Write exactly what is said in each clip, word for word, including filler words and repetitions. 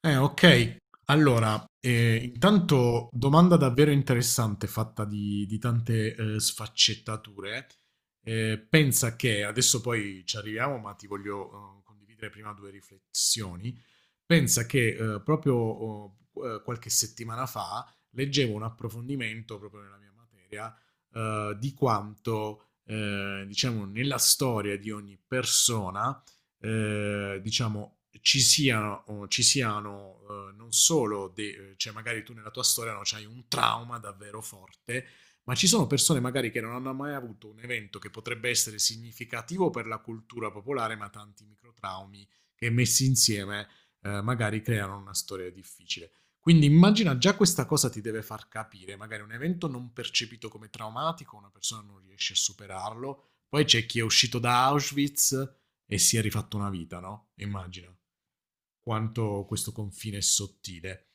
Eh, ok. Allora, eh, intanto domanda davvero interessante fatta di, di tante eh, sfaccettature. Eh, pensa che adesso poi ci arriviamo, ma ti voglio eh, condividere prima due riflessioni. Pensa che eh, proprio oh, eh, qualche settimana fa leggevo un approfondimento proprio nella mia materia eh, di quanto, eh, diciamo, nella storia di ogni persona eh, diciamo, ci siano, ci siano eh, non solo, de- cioè magari tu nella tua storia no, c'hai un trauma davvero forte, ma ci sono persone magari che non hanno mai avuto un evento che potrebbe essere significativo per la cultura popolare, ma tanti microtraumi che messi insieme eh, magari creano una storia difficile. Quindi immagina, già questa cosa ti deve far capire: magari un evento non percepito come traumatico, una persona non riesce a superarlo, poi c'è chi è uscito da Auschwitz e si è rifatto una vita, no? Immagino quanto questo confine è sottile.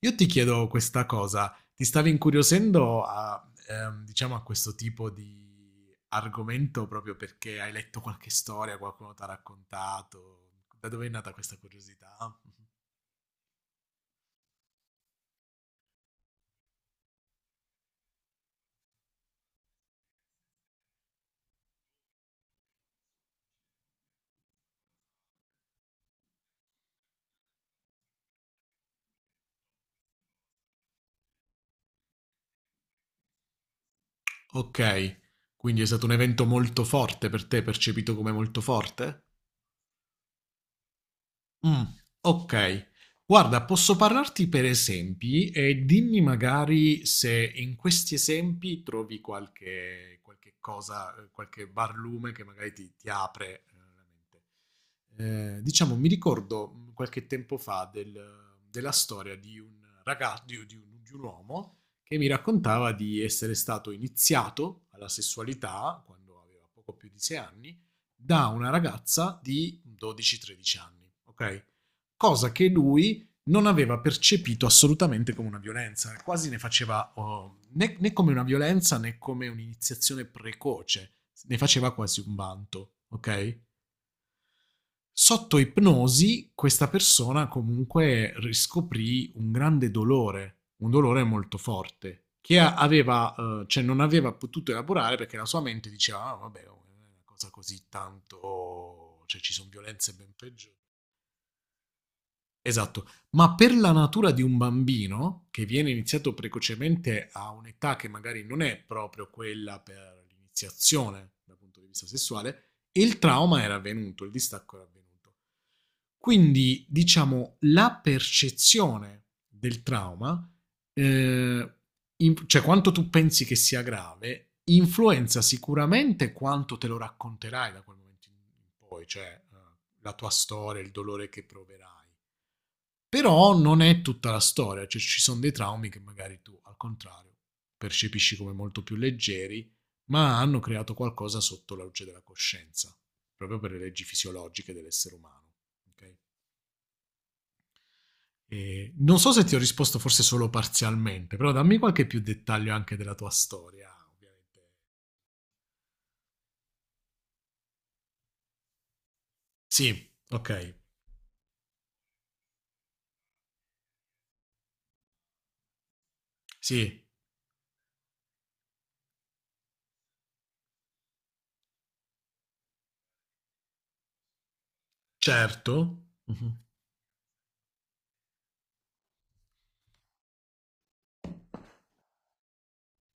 Io ti chiedo questa cosa, ti stavi incuriosendo a, ehm, diciamo, a questo tipo di argomento proprio perché hai letto qualche storia, qualcuno ti ha raccontato? Da dove è nata questa curiosità? Ok, quindi è stato un evento molto forte per te, percepito come molto forte? Mh, okay. Guarda, posso parlarti per esempi e dimmi magari se in questi esempi trovi qualche qualche cosa, uhm, qualche barlume che magari ti ti apre, uhm, la mente. Ehm, diciamo mi ricordo, mhmm, qualche tempo fa del della storia di un raga di u di un di un uomo che mi raccontava di essere stato iniziato alla sessualità quando aveva poco più di sei anni da una ragazza di dodici tredici anni, ok? Cosa che lui non aveva percepito assolutamente come una violenza, quasi ne faceva oh, né, né come una violenza né come un'iniziazione precoce, ne faceva quasi un vanto, ok? Sotto ipnosi questa persona comunque riscoprì un grande dolore, un dolore molto forte, che a- aveva, eh, cioè non aveva potuto elaborare perché la sua mente diceva: "Ah, vabbè, oh, non è una cosa così tanto, cioè ci sono violenze ben peggiori." Esatto, ma per la natura di un bambino che viene iniziato precocemente a un'età che magari non è proprio quella per l'iniziazione dal punto di vista sessuale, il trauma era avvenuto, il distacco era avvenuto. Quindi, diciamo, la percezione del trauma, eh, in- cioè quanto tu pensi che sia grave, influenza sicuramente quanto te lo racconterai da quel momento in in poi, cioè, eh, la tua storia, il dolore che proverai. Però non è tutta la storia, cioè ci sono dei traumi che magari tu, al contrario, percepisci come molto più leggeri, ma hanno creato qualcosa sotto la luce della coscienza, proprio per le leggi fisiologiche dell'essere umano. Ok? E non so se ti ho risposto, forse solo parzialmente, però dammi qualche più dettaglio anche della tua storia, ovviamente. Sì, ok, sì, certo, uh-huh.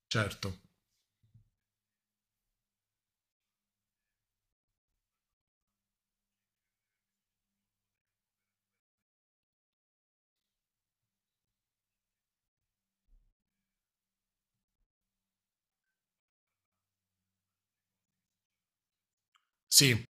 Certo, sì,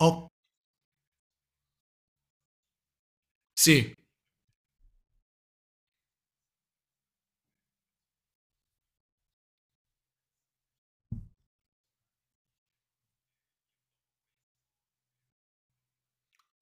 ho, sì.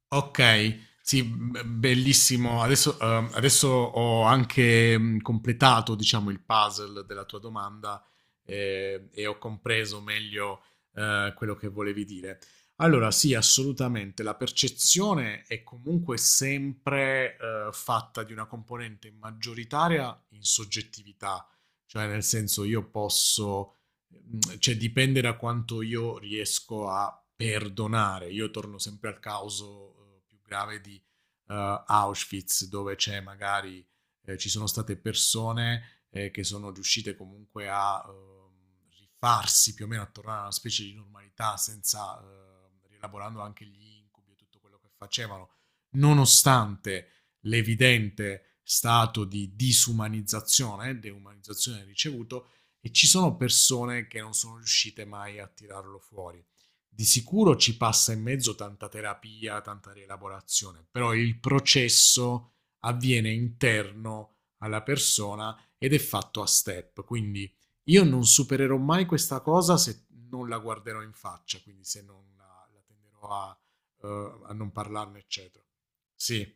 Okay, sì, b bellissimo. Adesso uhm, adesso ho anche, mhmm, completato, diciamo, il puzzle della tua domanda, ehm, e ho compreso meglio, uhm, quello che volevi dire. Allora sì, assolutamente, la percezione è comunque sempre, uhm, fatta di una componente maggioritaria in soggettività, cioè nel senso io posso, Mhmm, cioè dipende da quanto io riesco a perdonare. Io torno sempre al caso, uhm, più grave di, uhm, Auschwitz, dove c'è magari ehm, ci sono state persone, ehm, che sono riuscite comunque a, uhm, rifarsi più o meno, a tornare a una specie di normalità, senza, uhm, rielaborando anche gli incubi e tutto quello che facevano, nonostante l'evidente stato di disumanizzazione, deumanizzazione ricevuto, e ci sono persone che non sono riuscite mai a tirarlo fuori. Di sicuro ci passa in mezzo tanta terapia, tanta rielaborazione, però il processo avviene interno alla persona ed è fatto a step, quindi io non supererò mai questa cosa se non la guarderò in faccia, quindi se non la, la tenderò a, uh, a non parlarne, eccetera. Sì,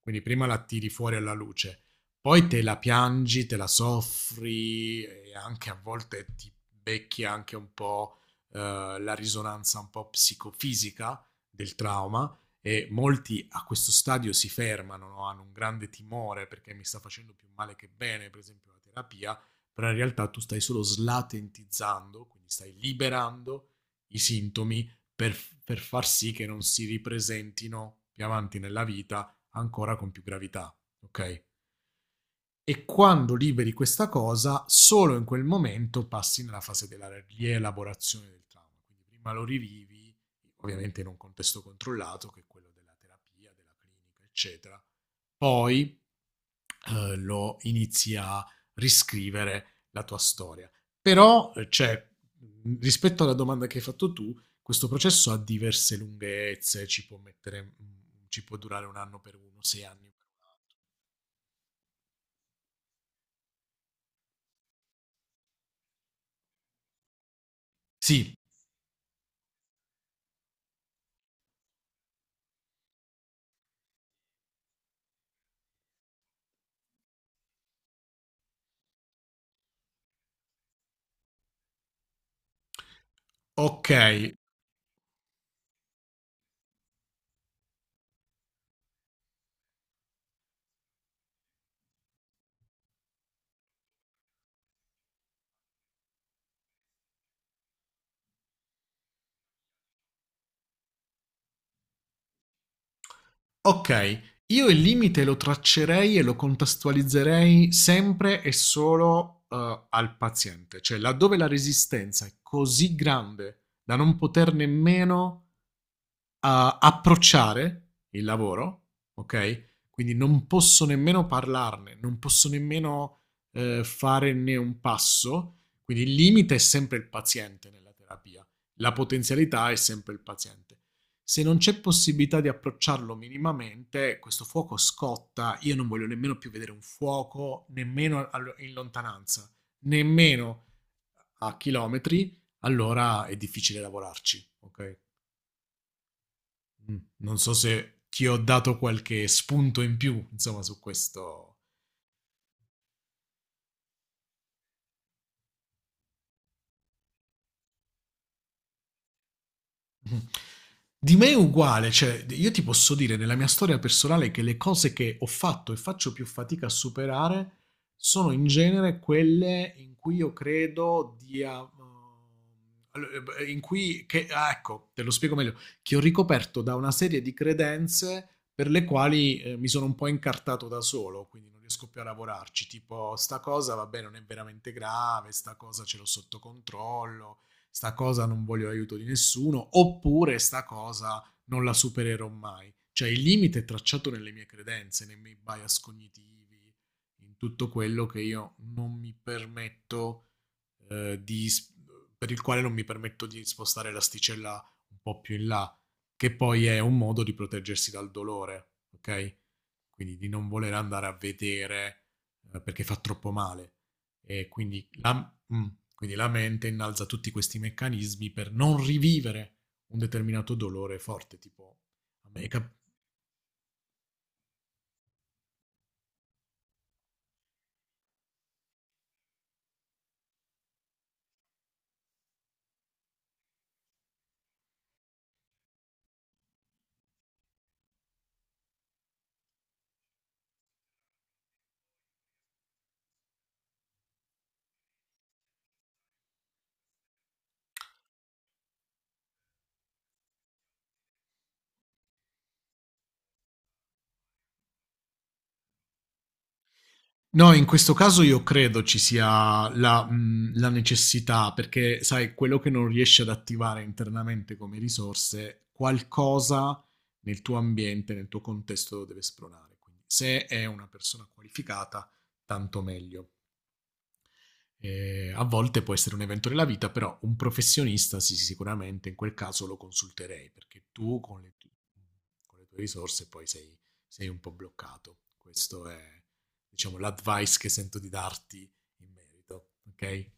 quindi prima la tiri fuori alla luce. Poi te la piangi, te la soffri e anche a volte ti becchi anche un po' eh, la risonanza un po' psicofisica del trauma, e molti a questo stadio si fermano, no? Hanno un grande timore perché mi sta facendo più male che bene, per esempio la terapia, però in realtà tu stai solo slatentizzando, quindi stai liberando i sintomi per, per far sì che non si ripresentino più avanti nella vita ancora con più gravità, ok? E quando liberi questa cosa, solo in quel momento passi nella fase della rielaborazione del trauma. Quindi prima lo rivivi, ovviamente in un contesto controllato, che è quello della terapia, della clinica, eccetera. Poi eh, lo inizi a riscrivere la tua storia. Però, cioè, rispetto alla domanda che hai fatto tu, questo processo ha diverse lunghezze, ci può, mettere, ci può durare un anno per uno, sei anni per un altro. Sì, ok. Ok, io il limite lo traccerei e lo contestualizzerei sempre e solo, eh, al paziente, cioè laddove la resistenza è così grande da non poter nemmeno a approcciare il lavoro, ok? Quindi non posso nemmeno parlarne, non posso nemmeno eh, fare né un passo. Quindi il limite è sempre il paziente nella terapia, la potenzialità è sempre il paziente. Se non c'è possibilità di approcciarlo minimamente, questo fuoco scotta. Io non voglio nemmeno più vedere un fuoco, nemmeno in lontananza, nemmeno a chilometri, allora è difficile lavorarci, ok? Mm. Non so se ti ho dato qualche spunto in più, insomma, su questo. Mh. Di me è uguale, cioè d io ti posso dire nella mia storia personale che le cose che ho fatto e faccio più fatica a superare sono in genere quelle in cui io credo di a uhm, allo e b in cui che ah, ecco, te lo spiego meglio, che ho ricoperto da una serie di credenze per le quali, ehm, mi sono un po' incartato da solo, quindi non riesco più a lavorarci, tipo: "Sta cosa vabbè non è veramente grave, sta cosa ce l'ho sotto controllo, sta cosa non voglio l'aiuto di nessuno, oppure sta cosa non la supererò mai." Cioè il limite è tracciato nelle mie credenze, nei miei bias cognitivi, in tutto quello che io non mi permetto eh, di s- per il quale non mi permetto di spostare l'asticella un po' più in là, che poi è un modo di proteggersi dal dolore, ok? Quindi di non voler andare a vedere eh, perché fa troppo male. E quindi la, mm, quindi la mente innalza tutti questi meccanismi per non rivivere un determinato dolore forte, tipo a me è cap- No, in questo caso io credo ci sia la, mh, la necessità, perché sai, quello che non riesci ad attivare internamente come risorse, qualcosa nel tuo ambiente, nel tuo contesto lo deve spronare. Quindi se è una persona qualificata, tanto meglio. Eh, a volte può essere un evento della vita, però un professionista sì, sì, sicuramente in quel caso lo consulterei, perché tu con le, tu- con le tue risorse poi sei, sei un po' bloccato. Questo è, diciamo, l'advice che sento di darti in merito, ok?